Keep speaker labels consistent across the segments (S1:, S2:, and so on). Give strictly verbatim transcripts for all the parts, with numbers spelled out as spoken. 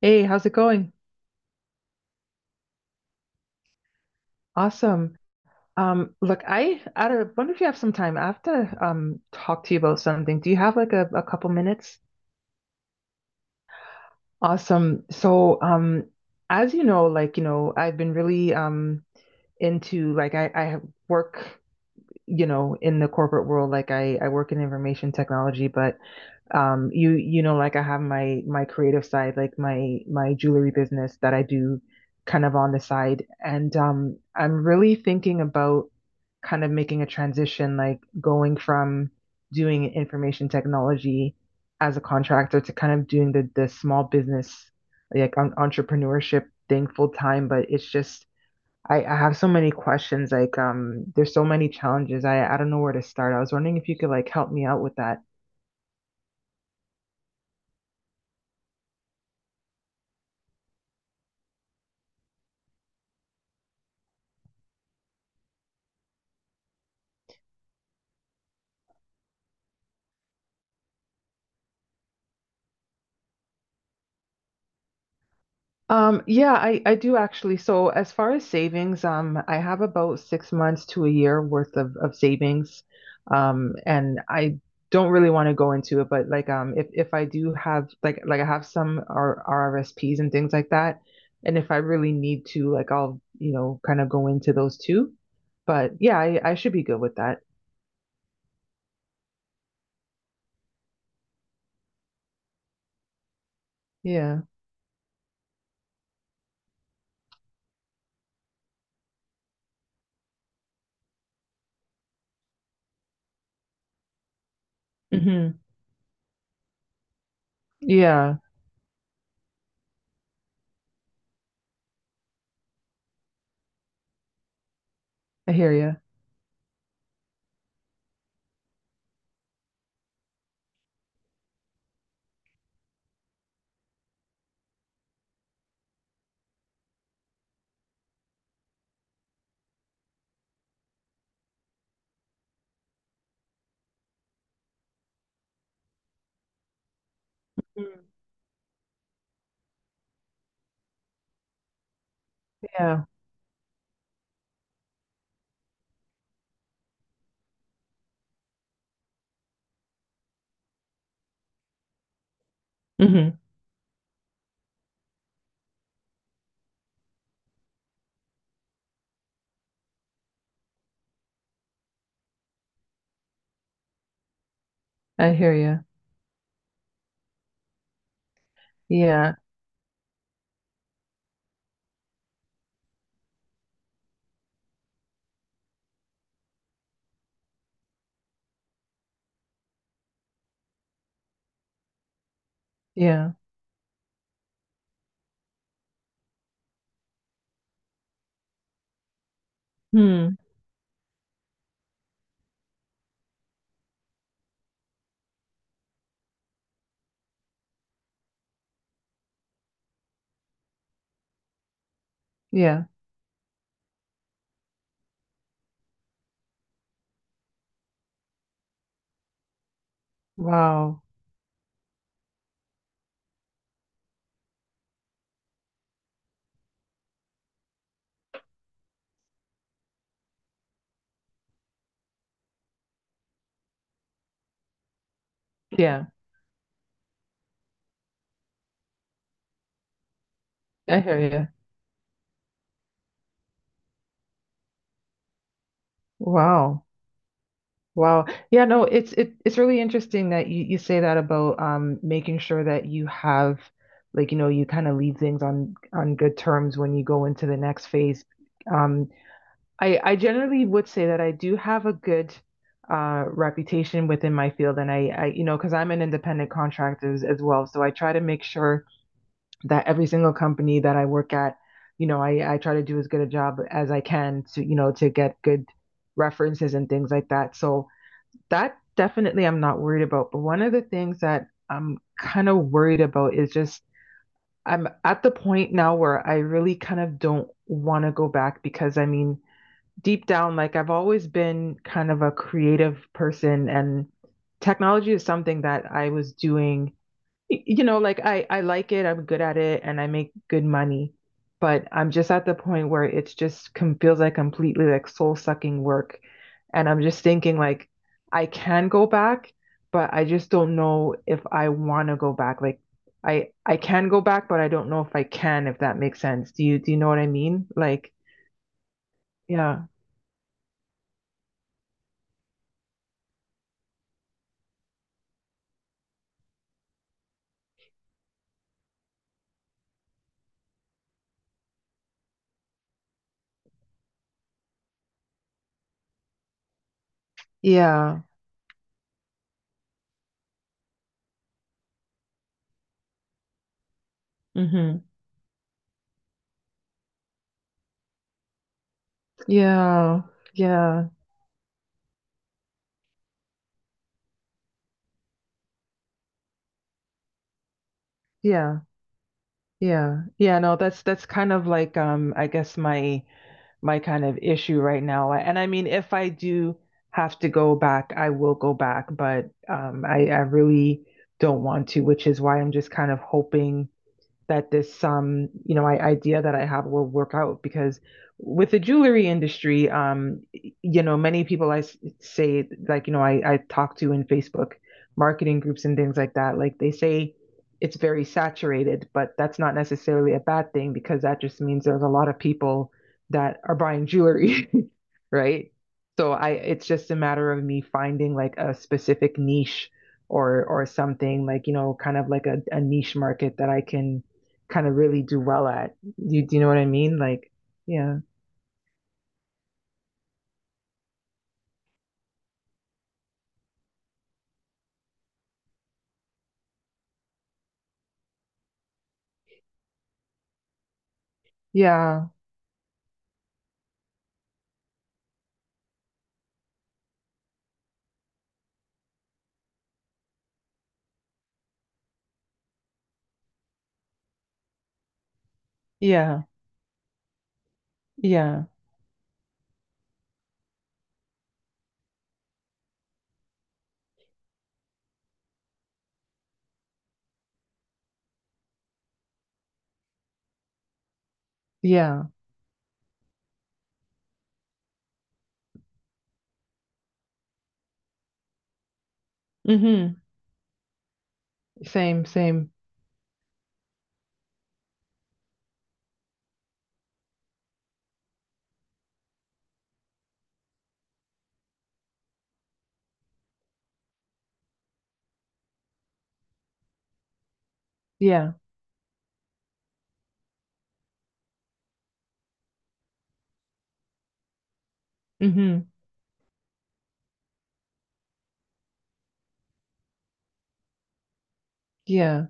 S1: Hey, how's it going? Awesome. Um, look, I I don't- wonder if you have some time. I have to um talk to you about something. Do you have like a, a couple minutes? Awesome. So, um, as you know, like, you know, I've been really um into like I I have work, you know, in the corporate world. Like I I work in information technology, but um you you know like I have my my creative side, like my my jewelry business that I do kind of on the side. And um I'm really thinking about kind of making a transition, like going from doing information technology as a contractor to kind of doing the the small business, like on entrepreneurship thing, full time. But it's just, I, I have so many questions. Like um there's so many challenges. I I don't know where to start. I was wondering if you could like help me out with that. Um, yeah, I, I do actually. So as far as savings, um, I have about six months to a year worth of, of savings. Um, and I don't really want to go into it, but like um if, if I do have like like I have some R RRSPs and things like that. And if I really need to, like I'll, you know, kind of go into those too. But yeah, I, I should be good with that. Yeah. Hmm. Yeah, I hear you. Yeah. Hmm. I hear you. Yeah. Yeah. Hmm. Yeah. Wow. Yeah, I hear you. Wow. Wow. Yeah, no, it's it, it's really interesting that you, you say that about um making sure that you have like, you know, you kind of leave things on on good terms when you go into the next phase. Um, I I generally would say that I do have a good uh reputation within my field. And I I you know, because I'm an independent contractor as, as well, so I try to make sure that every single company that I work at, you know, I, I try to do as good a job as I can to, you know, to get good references and things like that. So that definitely I'm not worried about. But one of the things that I'm kind of worried about is just I'm at the point now where I really kind of don't want to go back, because I mean, deep down, like I've always been kind of a creative person, and technology is something that I was doing. You know, like I I like it, I'm good at it, and I make good money, but I'm just at the point where it's just com feels like completely like soul-sucking work. And I'm just thinking like I can go back, but I just don't know if I want to go back. Like I I can go back, but I don't know if I can, if that makes sense. Do you do you know what I mean? Like yeah. Yeah. Hmm. Yeah. Yeah. Yeah. Yeah. Yeah, no, that's that's kind of like um I guess my my kind of issue right now. And I mean, if I do have to go back, I will go back, but um, I, I really don't want to, which is why I'm just kind of hoping that this um you know I, idea that I have will work out. Because with the jewelry industry, um you know, many people I say, like, you know, I I talk to in Facebook marketing groups and things like that, like they say it's very saturated, but that's not necessarily a bad thing because that just means there's a lot of people that are buying jewelry right. So I, it's just a matter of me finding like a specific niche, or or something, like, you know, kind of like a, a niche market that I can kind of really do well at. You Do you know what I mean? Like, yeah. Yeah. Yeah. Yeah. Yeah. Mm-hmm. Same, same. Yeah. Mm-hmm. Yeah.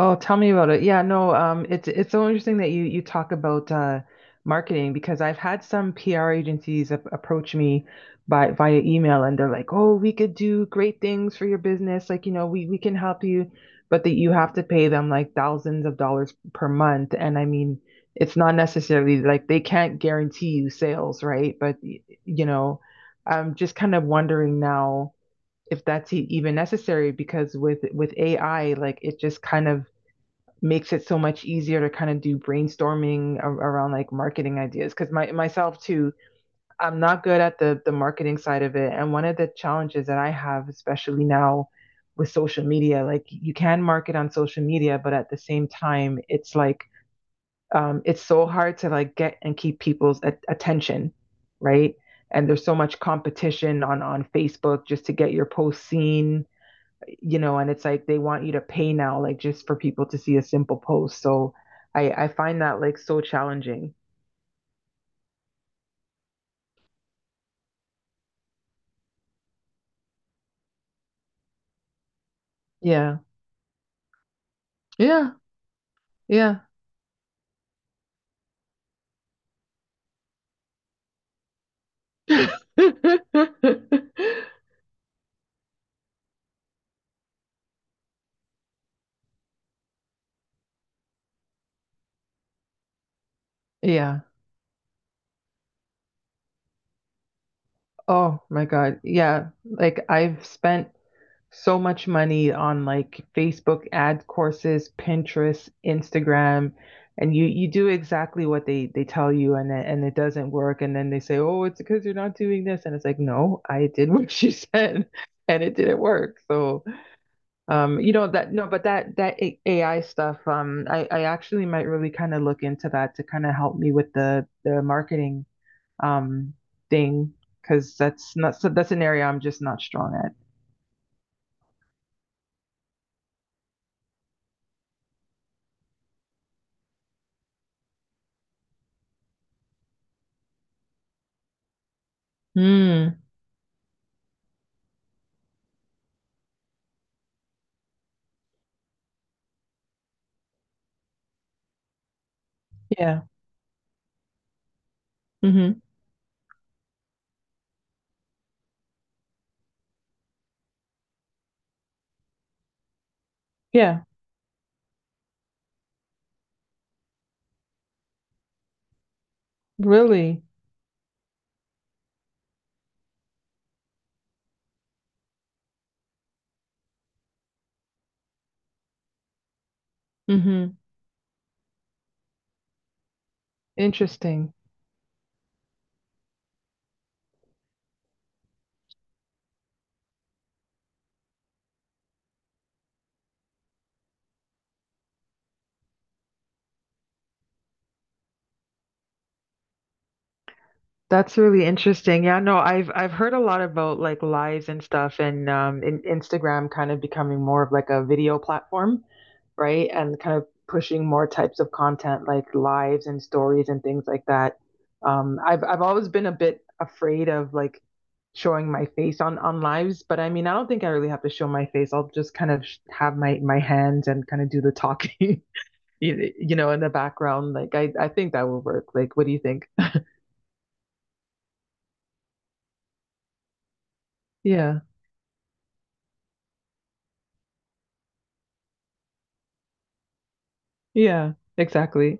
S1: Oh, tell me about it. Yeah, no, um, it's it's so interesting that you you talk about uh, marketing, because I've had some P R agencies ap approach me by via email, and they're like, "Oh, we could do great things for your business. Like, you know, we we can help you, but that you have to pay them like thousands of dollars per month." And I mean, it's not necessarily like they can't guarantee you sales, right? But y- you know, I'm just kind of wondering now if that's e- even necessary, because with with A I, like it just kind of makes it so much easier to kind of do brainstorming around like marketing ideas, because my myself too, I'm not good at the the marketing side of it. And one of the challenges that I have, especially now with social media, like you can market on social media, but at the same time it's like, um, it's so hard to like get and keep people's at- attention, right. And there's so much competition on on Facebook just to get your post seen, you know. And it's like they want you to pay now, like just for people to see a simple post. So I I find that like so challenging. Yeah. Yeah. Yeah. Yeah. Oh my God. Yeah. Like I've spent so much money on like Facebook ad courses, Pinterest, Instagram, and you you do exactly what they they tell you, and it, and it doesn't work. And then they say, "Oh, it's because you're not doing this." And it's like, "No, I did what she said." And it didn't work. So, um, you know that no, but that that A I stuff, um, I I actually might really kind of look into that to kind of help me with the the marketing um thing, because that's not so that's an area I'm just not strong at. Mm, yeah, mhm, yeah, really, mhm, interesting. That's really interesting. Yeah, no, I've I've heard a lot about like lives and stuff, and um in Instagram kind of becoming more of like a video platform, right? And kind of pushing more types of content like lives and stories and things like that. Um I've I've always been a bit afraid of like showing my face on on lives, but I mean, I don't think I really have to show my face. I'll just kind of sh have my my hands and kind of do the talking, you, you know, in the background. Like I I think that will work. Like what do you think? Yeah. Yeah, exactly.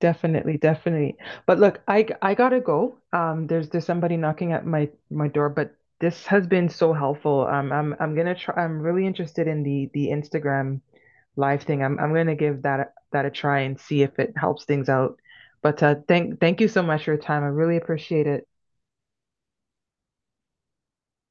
S1: Definitely, definitely. But look, I I gotta go. Um, there's there's somebody knocking at my my door, but this has been so helpful. Um, I'm I'm gonna try. I'm really interested in the the Instagram live thing. I'm I'm gonna give that a- that a try and see if it helps things out. But uh, thank thank you so much for your time. I really appreciate it.